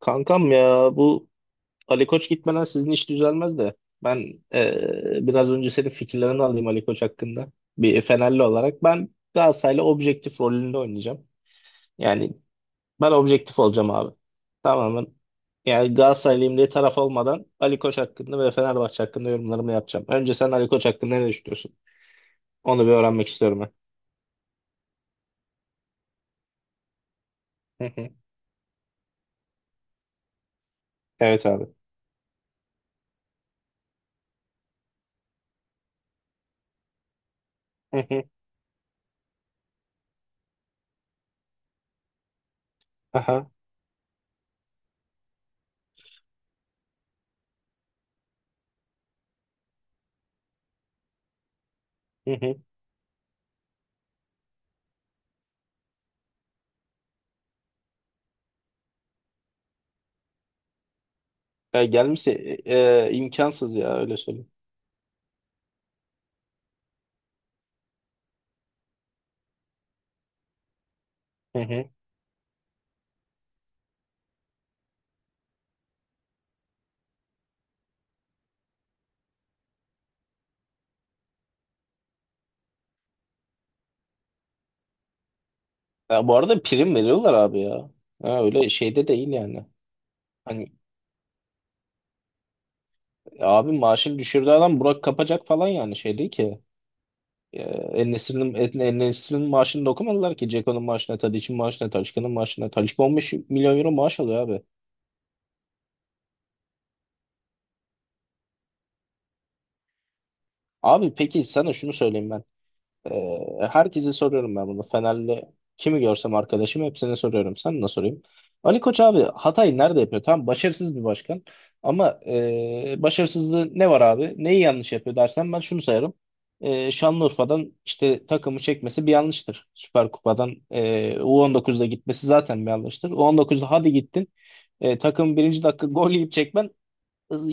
Kankam ya bu Ali Koç gitmeden sizin iş düzelmez de ben biraz önce senin fikirlerini alayım Ali Koç hakkında. Bir Fenerli olarak ben Galatasaray'la objektif rolünde oynayacağım. Yani ben objektif olacağım abi. Tamamen yani Galatasaraylıyım diye taraf olmadan Ali Koç hakkında ve Fenerbahçe hakkında yorumlarımı yapacağım. Önce sen Ali Koç hakkında ne düşünüyorsun? Onu bir öğrenmek istiyorum ben. Hı hı. Evet abi. Hı hı. Aha. Hı hı. Ya gelmişse e, imkansız ya öyle söyleyeyim. Ya bu arada prim veriyorlar abi ya. Ha, öyle şeyde değil yani. Hani abi maaşını düşürdüğü adam Burak kapacak falan yani şey değil ki. Ee, En-Nesyri'nin En-Nesyri'nin maaşını dokumadılar ki. Ceko'nun maaşına, Tadic'in maaşına, Talisca'nın maaşına. Talisca 15 milyon euro maaş alıyor abi. Abi peki sana şunu söyleyeyim ben. Herkese soruyorum ben bunu. Fenerli kimi görsem arkadaşım hepsine soruyorum. Sen ne sorayım? Ali Koç abi hatayı nerede yapıyor? Tamam başarısız bir başkan. Ama başarısızlığı ne var abi? Neyi yanlış yapıyor dersen ben şunu sayarım. Şanlıurfa'dan işte takımı çekmesi bir yanlıştır. Süper Kupa'dan U19'da gitmesi zaten bir yanlıştır. U19'da hadi gittin. Takım birinci dakika gol yiyip çekmen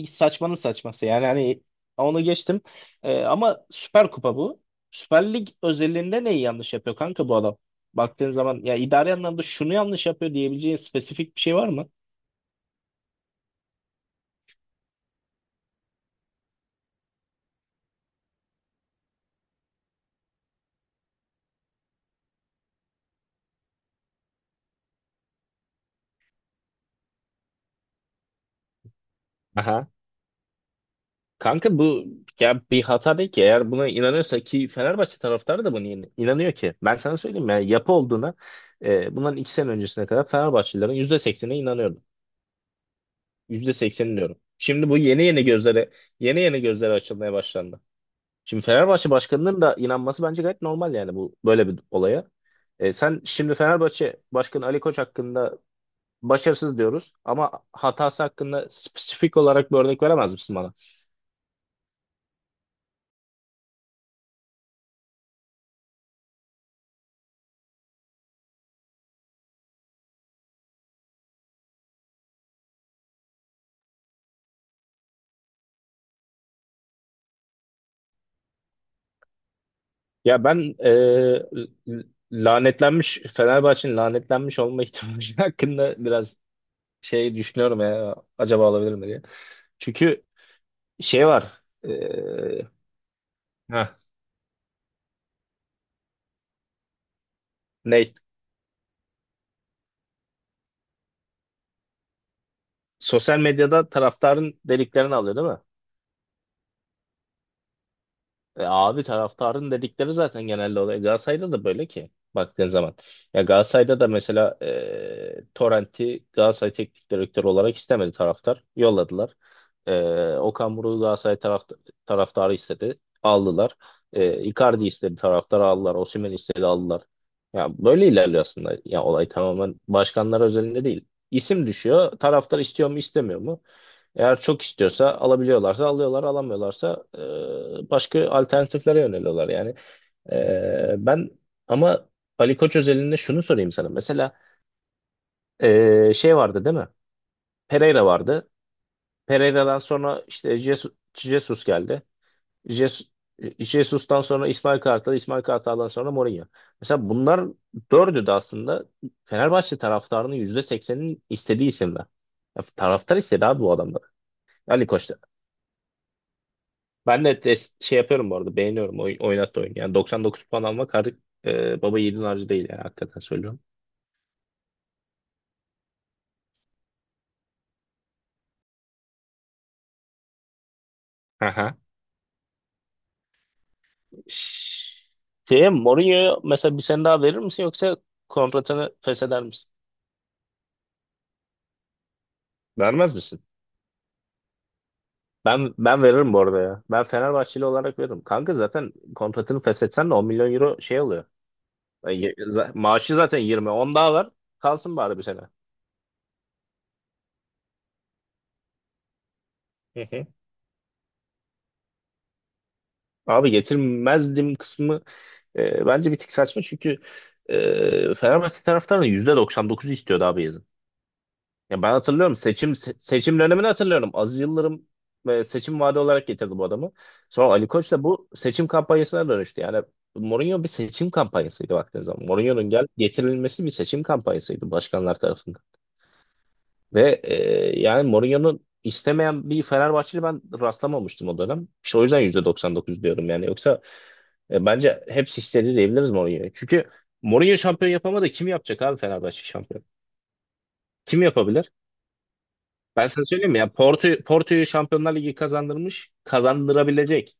saçmanın saçması yani hani onu geçtim. Ama Süper Kupa bu. Süper Lig özelliğinde neyi yanlış yapıyor kanka bu adam? Baktığın zaman ya idari anlamda şunu yanlış yapıyor diyebileceğin spesifik bir şey var mı? Aha. Kanka bu ya bir hata değil ki. Eğer buna inanıyorsa ki Fenerbahçe taraftarı da buna inanıyor ki. Ben sana söyleyeyim yani yapı olduğuna bundan 2 sene öncesine kadar Fenerbahçelilerin %80'ine inanıyordu. %80 diyorum. Şimdi bu yeni yeni gözlere açılmaya başlandı. Şimdi Fenerbahçe başkanının da inanması bence gayet normal yani bu böyle bir olaya. Sen şimdi Fenerbahçe Başkanı Ali Koç hakkında başarısız diyoruz ama hatası hakkında spesifik olarak bir örnek veremez misin bana? Ya ben l- lanetlenmiş Fenerbahçe'nin lanetlenmiş olma ihtimali hakkında biraz şey düşünüyorum ya acaba olabilir mi diye. Çünkü şey var. Ha ne? Sosyal medyada taraftarın deliklerini alıyor değil mi? Abi taraftarın dedikleri zaten genelde oluyor. Galatasaray'da da böyle ki baktığın zaman. Ya Galatasaray'da da mesela Torrent'i Galatasaray teknik direktörü olarak istemedi taraftar. Yolladılar. E, Okan Buruk'u Galatasaray taraftarı istedi. Aldılar. Icardi istedi taraftar aldılar. Osimhen istedi aldılar. Ya böyle ilerliyor aslında. Ya olay tamamen başkanlar özelinde değil. İsim düşüyor. Taraftar istiyor mu istemiyor mu? Eğer çok istiyorsa alabiliyorlarsa alıyorlar, alamıyorlarsa başka alternatiflere yöneliyorlar yani. E, ben ama Ali Koç özelinde şunu sorayım sana. Mesela şey vardı değil mi? Pereira vardı. Pereira'dan sonra işte Jesus geldi. Jesus, Jesus'tan sonra İsmail Kartal, İsmail Kartal'dan sonra Mourinho. Mesela bunlar dördü de aslında Fenerbahçe taraftarının yüzde seksenin istediği isimler. Ya taraftar istedi abi bu adamları. Ali Koç Ben de şey yapıyorum bu arada beğeniyorum oynat oyun. Yani 99 puan almak artık baba yiğidin harcı değil yani hakikaten söylüyorum. Aha. Ş- Şeye Mourinho'ya mesela bir sene daha verir misin yoksa kontratını fesheder misin? Vermez misin? Ben veririm bu arada ya. Ben Fenerbahçeli olarak veririm. Kanka zaten kontratını feshetsen de 10 milyon euro şey oluyor. Maaşı zaten 20. 10 daha var. Kalsın bari bir sene. Hı hı. Abi getirmezdim kısmı bence bir tık saçma çünkü Fenerbahçe taraftarının %99'u istiyordu abi yazın. Ya ben hatırlıyorum seçim dönemini hatırlıyorum. Aziz Yıldırım seçim vaadi olarak getirdi bu adamı. Sonra Ali Koç da bu seçim kampanyasına dönüştü. Yani Mourinho bir seçim kampanyasıydı baktığın zaman. Mourinho'nun getirilmesi bir seçim kampanyasıydı başkanlar tarafından. Ve yani Mourinho'nun istemeyen bir Fenerbahçeli ben rastlamamıştım o dönem. İşte o yüzden %99 diyorum yani. Yoksa bence hepsi istedi diyebiliriz Mourinho'ya. Çünkü Mourinho şampiyon yapamadı. Kim yapacak abi Fenerbahçe şampiyon? Kim yapabilir? Ben sana söyleyeyim mi? Ya Porto'yu Şampiyonlar Ligi kazandırmış, kazandırabilecek.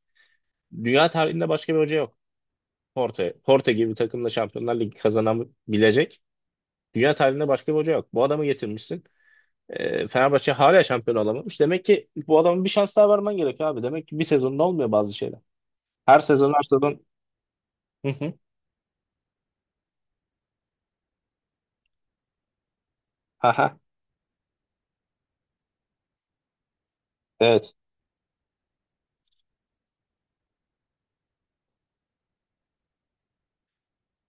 Dünya tarihinde başka bir hoca yok. Porto gibi bir takımla Şampiyonlar Ligi kazanabilecek. Dünya tarihinde başka bir hoca yok. Bu adamı getirmişsin. Fenerbahçe hala şampiyon olamamış. Demek ki bu adamın bir şans daha vermen gerekiyor abi. Demek ki bir sezonda olmuyor bazı şeyler. Her sezon her sezon. Hı hı. Aha. Evet.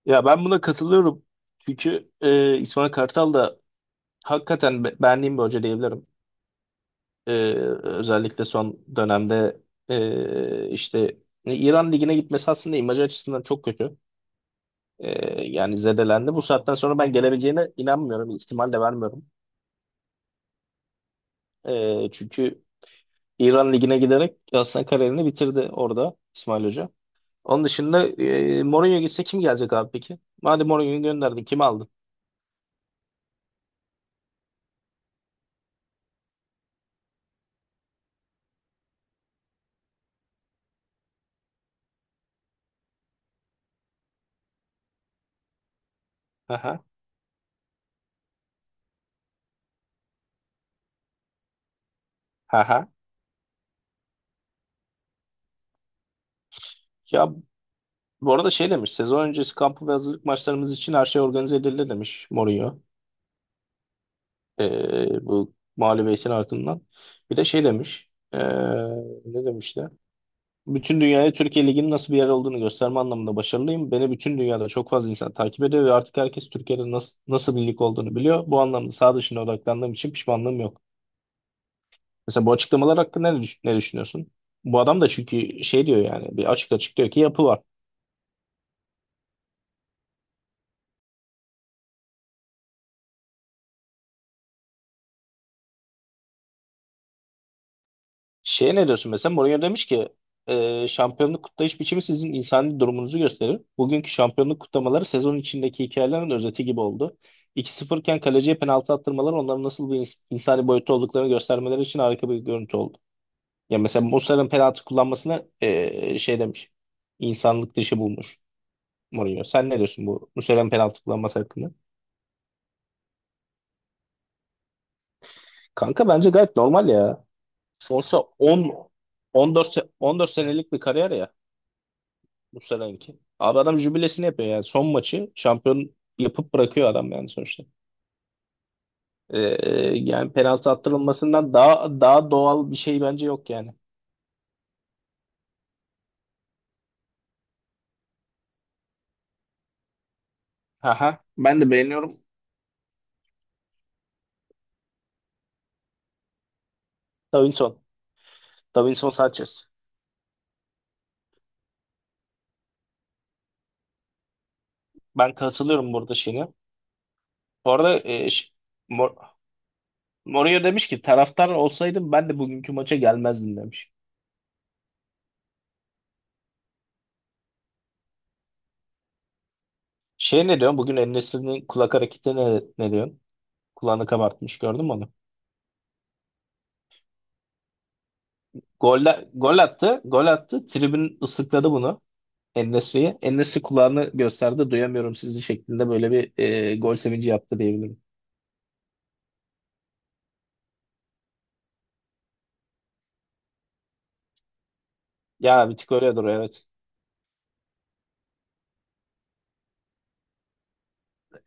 Ya ben buna katılıyorum. Çünkü İsmail Kartal da hakikaten beğendiğim bir hoca diyebilirim. E, Özellikle son dönemde işte İran Ligi'ne gitmesi aslında imajı açısından çok kötü. E, Yani zedelendi. Bu saatten sonra ben gelebileceğine inanmıyorum. İhtimal de vermiyorum. Çünkü İran Ligi'ne giderek aslında kariyerini bitirdi orada İsmail Hoca. Onun dışında Mourinho gitse kim gelecek abi peki? Madem Mourinho'yu gönderdin kim aldın? Aha. Aha. Ya bu arada şey demiş, sezon öncesi kampı ve hazırlık maçlarımız için her şey organize edildi demiş Mourinho. Bu mağlubiyetin ardından. Bir de şey demiş, ne demişti? Bütün dünyaya Türkiye Ligi'nin nasıl bir yer olduğunu gösterme anlamında başarılıyım. Beni bütün dünyada çok fazla insan takip ediyor ve artık herkes Türkiye'de nasıl bir lig olduğunu biliyor. Bu anlamda sağ dışına odaklandığım için pişmanlığım yok. Mesela bu açıklamalar hakkında ne düşünüyorsun? Bu adam da çünkü şey diyor yani, bir açık açık diyor ki yapı var. Şeye ne diyorsun mesela? Mourinho demiş ki şampiyonluk kutlayış biçimi sizin insani durumunuzu gösterir. Bugünkü şampiyonluk kutlamaları sezon içindeki hikayelerin özeti gibi oldu. 2-0 iken kaleciye penaltı attırmaları onların nasıl bir insani boyutta olduklarını göstermeleri için harika bir görüntü oldu. Ya mesela Muslera'nın penaltı kullanmasına şey demiş. İnsanlık dışı bulmuş Mourinho. Sen ne diyorsun bu Muslera'nın penaltı kullanması hakkında? Kanka bence gayet normal ya. Sonuçta 14 senelik bir kariyer ya. Bu seneki. Abi adam jübilesini yapıyor yani. Son maçı şampiyon yapıp bırakıyor adam yani sonuçta. Ee, Yani penaltı attırılmasından daha doğal bir şey bence yok yani. Aha, ben de beğeniyorum. Davinson. Davinson Sanchez. Ben katılıyorum burada şeyine. Bu arada Mor- Mourinho demiş ki taraftar olsaydım ben de bugünkü maça gelmezdim demiş. Şey ne diyorsun? Bugün En-Nesyri'nin kulak hareketi ne diyorsun? Kulağını kabartmış gördün mü onu? Gol, Gol attı. Gol attı. Tribün ıslıkladı bunu. En-Nesyri'ye. En-Nesri kulağını gösterdi duyamıyorum sizi şeklinde böyle bir gol sevinci yaptı diyebilirim. Ya bir tık öyle doğru evet.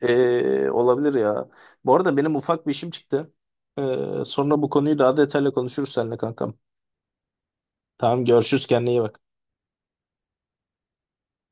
Olabilir ya. Bu arada benim ufak bir işim çıktı. E, Sonra bu konuyu daha detaylı konuşuruz seninle kankam. Tamam görüşürüz kendine iyi bak.